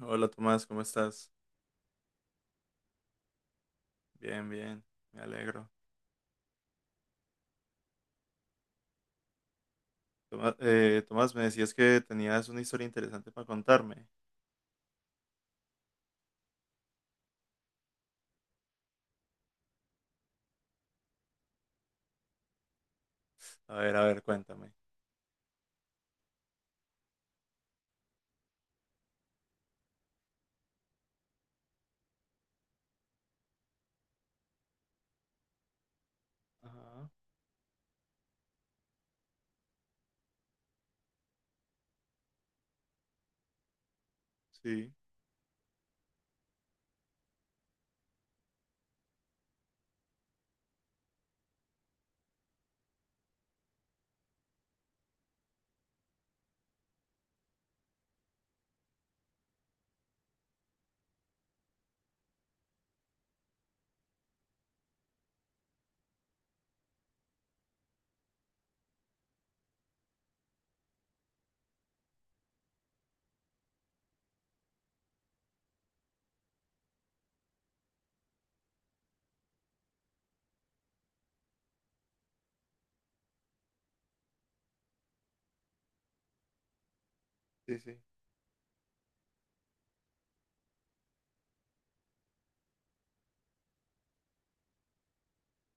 Hola Tomás, ¿cómo estás? Bien, bien, me alegro. Tomás, me decías que tenías una historia interesante para contarme. A ver, cuéntame. Ajá, sí, sí, sí,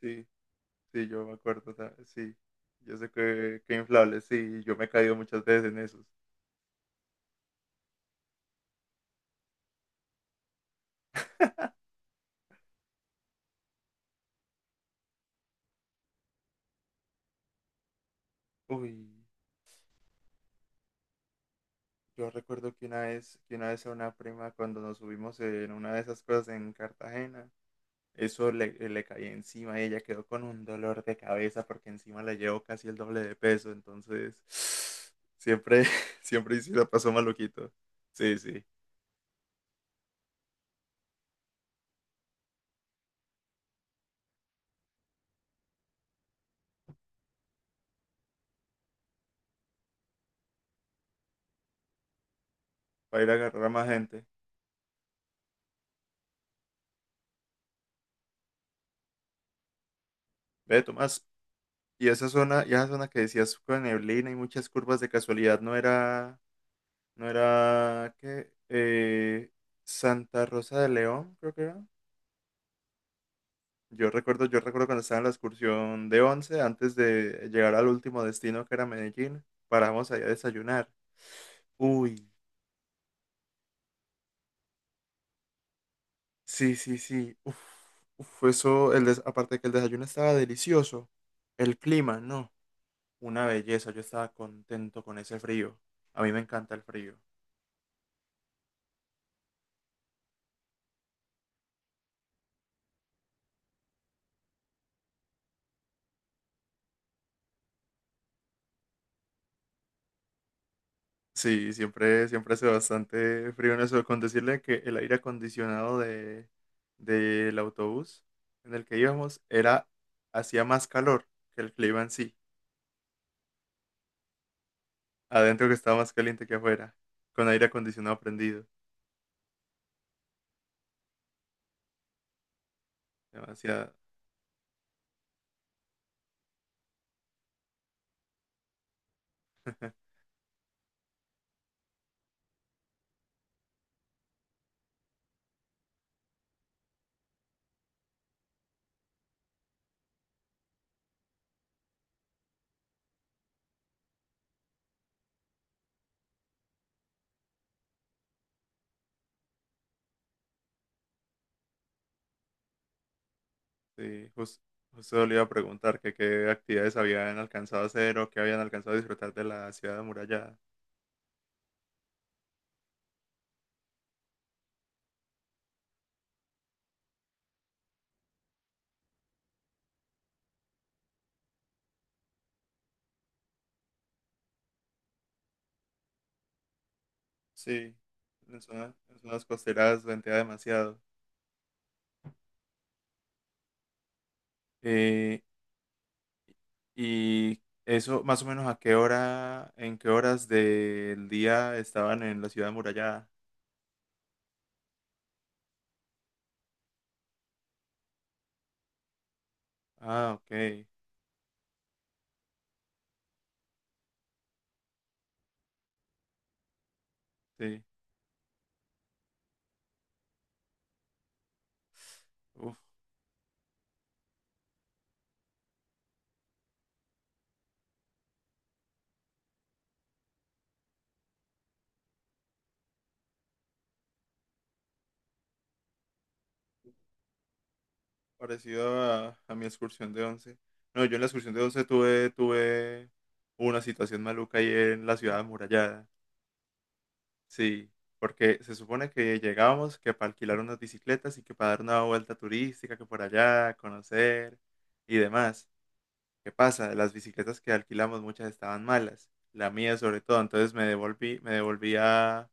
sí, sí, yo me acuerdo, o sí, yo sé que inflable, sí, yo me he caído muchas veces en esos. Uy, yo recuerdo que una vez a una prima cuando nos subimos en una de esas cosas en Cartagena. Eso le cayó encima y ella quedó con un dolor de cabeza porque encima la llevó casi el doble de peso. Entonces, siempre, siempre sí la pasó maluquito. Sí, sí, para ir a agarrar a más gente. Ve, Tomás, y esa zona que decías con neblina y muchas curvas de casualidad, ¿no era, qué? Santa Rosa de León, creo que era. Yo recuerdo cuando estaba en la excursión de 11 antes de llegar al último destino que era Medellín, paramos allá a desayunar. Uy, sí, sí, sí. Uf, uf, eso, aparte de que el desayuno estaba delicioso, el clima, no, una belleza. Yo estaba contento con ese frío. A mí me encanta el frío. Sí, siempre hace bastante frío en eso. Con decirle que el aire acondicionado del autobús en el que íbamos hacía más calor que el clima en sí. Adentro que estaba más caliente que afuera, con aire acondicionado prendido. Demasiado. Sí, justo le iba a preguntar que qué actividades habían alcanzado a hacer o qué habían alcanzado a disfrutar de la ciudad amurallada. Sí, en zonas costeras ventea demasiado. Eh, y eso, más o menos, ¿a qué hora, en qué horas del día estaban en la ciudad amurallada? Ah, ok, sí. Uf, parecido a mi excursión de 11. No, yo en la excursión de 11 tuve una situación maluca ahí en la ciudad amurallada. Sí, porque se supone que llegábamos que para alquilar unas bicicletas y que para dar una vuelta turística, que por allá, conocer y demás. ¿Qué pasa? Las bicicletas que alquilamos muchas estaban malas, la mía sobre todo, entonces me devolví a,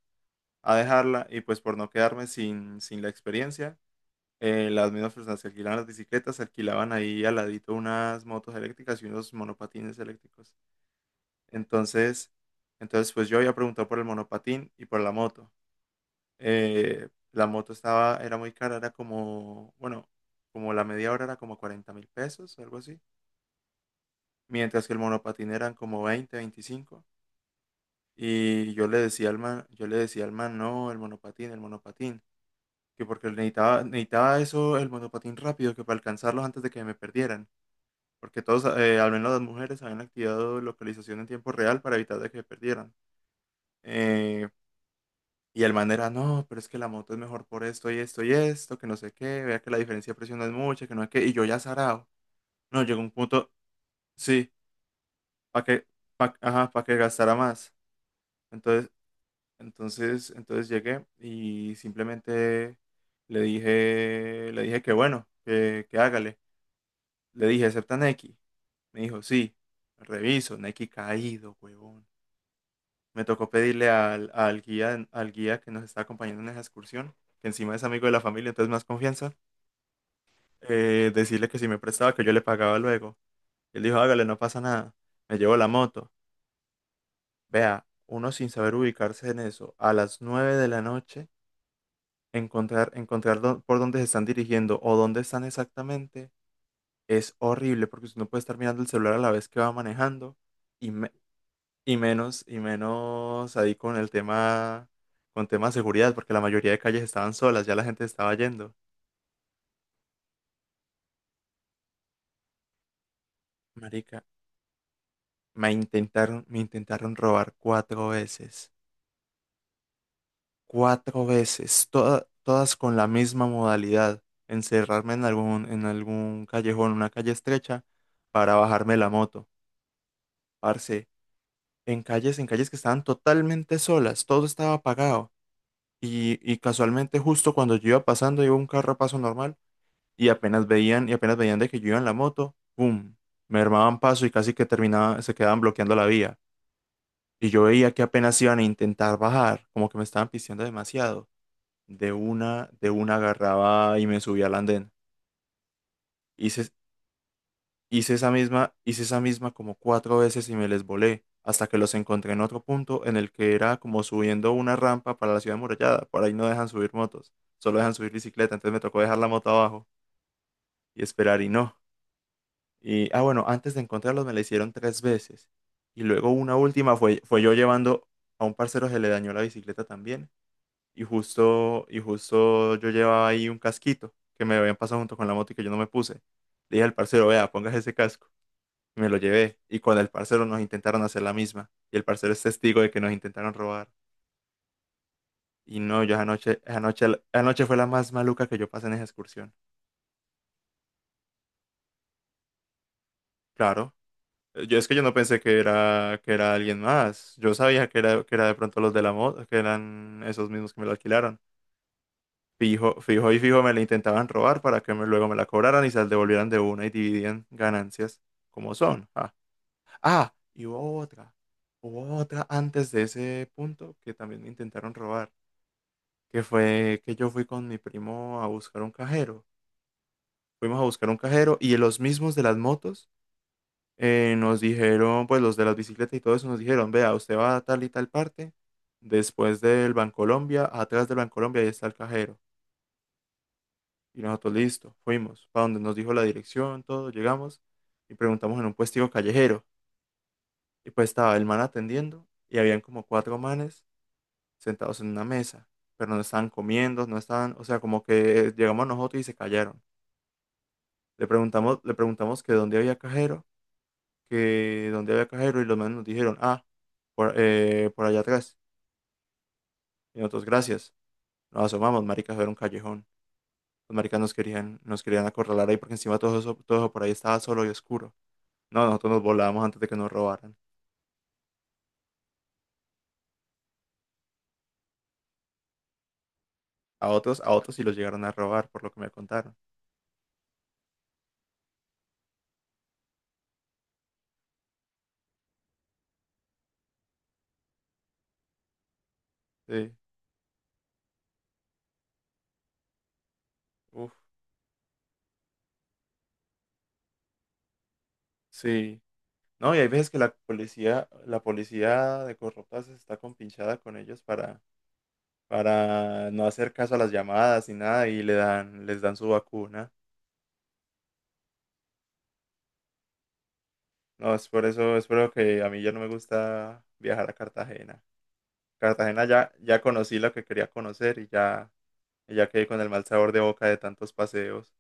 a dejarla y pues por no quedarme sin la experiencia, las mismas personas que alquilaban las bicicletas alquilaban ahí al ladito unas motos eléctricas y unos monopatines eléctricos. Entonces, entonces, pues yo había preguntado por el monopatín y por la moto. La moto era muy cara, era como, bueno, como la media hora era como 40.000 pesos, algo así. Mientras que el monopatín eran como 20 25. Y yo le decía al man, yo le decía al man, no, el monopatín, el monopatín. Que porque necesitaba eso, el monopatín rápido, que para alcanzarlos antes de que me perdieran. Porque todos, al menos las mujeres, habían activado localización en tiempo real para evitar de que me perdieran. Eh, Y el man era, no, pero es que la moto es mejor por esto y esto y esto, que no sé qué, vea que la diferencia de precio no es mucha, que no sé qué, y yo ya sarao. No, llegó un punto, sí, para que, ajá, para que gastara más. Entonces, entonces, llegué y simplemente le dije que bueno, que hágale. Le dije, ¿acepta Nequi? Me dijo, sí, reviso, Nequi caído, huevón. Me tocó pedirle al guía que nos está acompañando en esa excursión, que encima es amigo de la familia, entonces más confianza. Decirle que si me prestaba, que yo le pagaba luego. Él dijo, hágale, no pasa nada. Me llevo la moto. Vea, uno sin saber ubicarse en eso, a las 9 de la noche, encontrar por dónde se están dirigiendo o dónde están exactamente, es horrible porque usted no puede estar mirando el celular a la vez que va manejando y, me- y menos ahí con el tema, con tema de seguridad, porque la mayoría de calles estaban solas, ya la gente estaba yendo. Marica, me intentaron robar cuatro veces. Cuatro veces, todas con la misma modalidad, encerrarme en algún, callejón, una calle estrecha, para bajarme la moto. Parce, en calles que estaban totalmente solas, todo estaba apagado. Y casualmente justo cuando yo iba pasando, iba un carro a paso normal, y apenas veían de que yo iba en la moto, ¡pum! Me armaban paso y casi que terminaban, se quedaban bloqueando la vía. Y yo veía que apenas iban a intentar bajar, como que me estaban pisteando demasiado. De una, agarraba y me subí al andén. Hice, hice esa misma como cuatro veces y me les volé, hasta que los encontré en otro punto en el que era como subiendo una rampa para la ciudad amurallada. Por ahí no dejan subir motos, solo dejan subir bicicleta, entonces me tocó dejar la moto abajo y esperar y no. Y, ah, bueno, antes de encontrarlos me la hicieron tres veces. Y luego una última fue, yo llevando a un parcero se le dañó la bicicleta también y justo yo llevaba ahí un casquito que me habían pasado junto con la moto y que yo no me puse. Le dije al parcero, vea, póngase ese casco. Y me lo llevé. Y con el parcero nos intentaron hacer la misma. Y el parcero es testigo de que nos intentaron robar. Y no, yo anoche, fue la más maluca que yo pasé en esa excursión. Claro. Yo es que yo no pensé que era, que era, alguien más. Yo sabía que era de pronto los de la moto, que eran esos mismos que me lo alquilaron. Fijo, fijo y fijo me la intentaban robar para que luego me la cobraran y se la devolvieran de una y dividían ganancias como son. Ah, y hubo otra antes de ese punto que también me intentaron robar, que fue que yo fui con mi primo a buscar un cajero. Fuimos a buscar un cajero y los mismos de las motos nos dijeron, pues los de las bicicletas y todo eso nos dijeron, vea, usted va a tal y tal parte, después del Bancolombia, atrás del Bancolombia ahí está el cajero. Y nosotros, listo, fuimos, para donde nos dijo la dirección, todo, llegamos y preguntamos en un puestico callejero. Y pues estaba el man atendiendo y habían como cuatro manes sentados en una mesa, pero no estaban comiendo, no estaban, o sea, como que llegamos nosotros y se callaron. Le preguntamos que dónde había cajero, que dónde había cajero y los manes nos dijeron, ah, por allá atrás. Y nosotros, gracias. Nos asomamos, maricas, era un callejón. Los maricas nos querían acorralar ahí porque encima todo eso, por ahí estaba solo y oscuro. No, nosotros nos volábamos antes de que nos robaran. a otros sí los llegaron a robar, por lo que me contaron. Sí, uf, sí. No, y hay veces que la policía de corruptas está compinchada con ellos para no hacer caso a las llamadas ni nada y les dan su vacuna. No, es por eso, es por lo que a mí ya no me gusta viajar a Cartagena. Cartagena ya conocí lo que quería conocer y ya quedé con el mal sabor de boca de tantos paseos.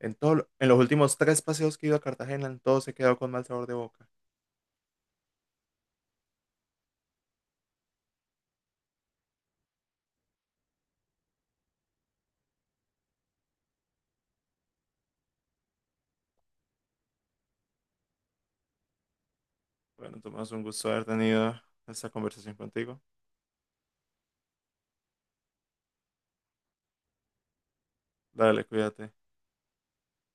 En todo, en los últimos tres paseos que he ido a Cartagena, en todos he quedado con mal sabor de boca. Bueno, Tomás, un gusto haber tenido esta conversación contigo. Dale, cuídate.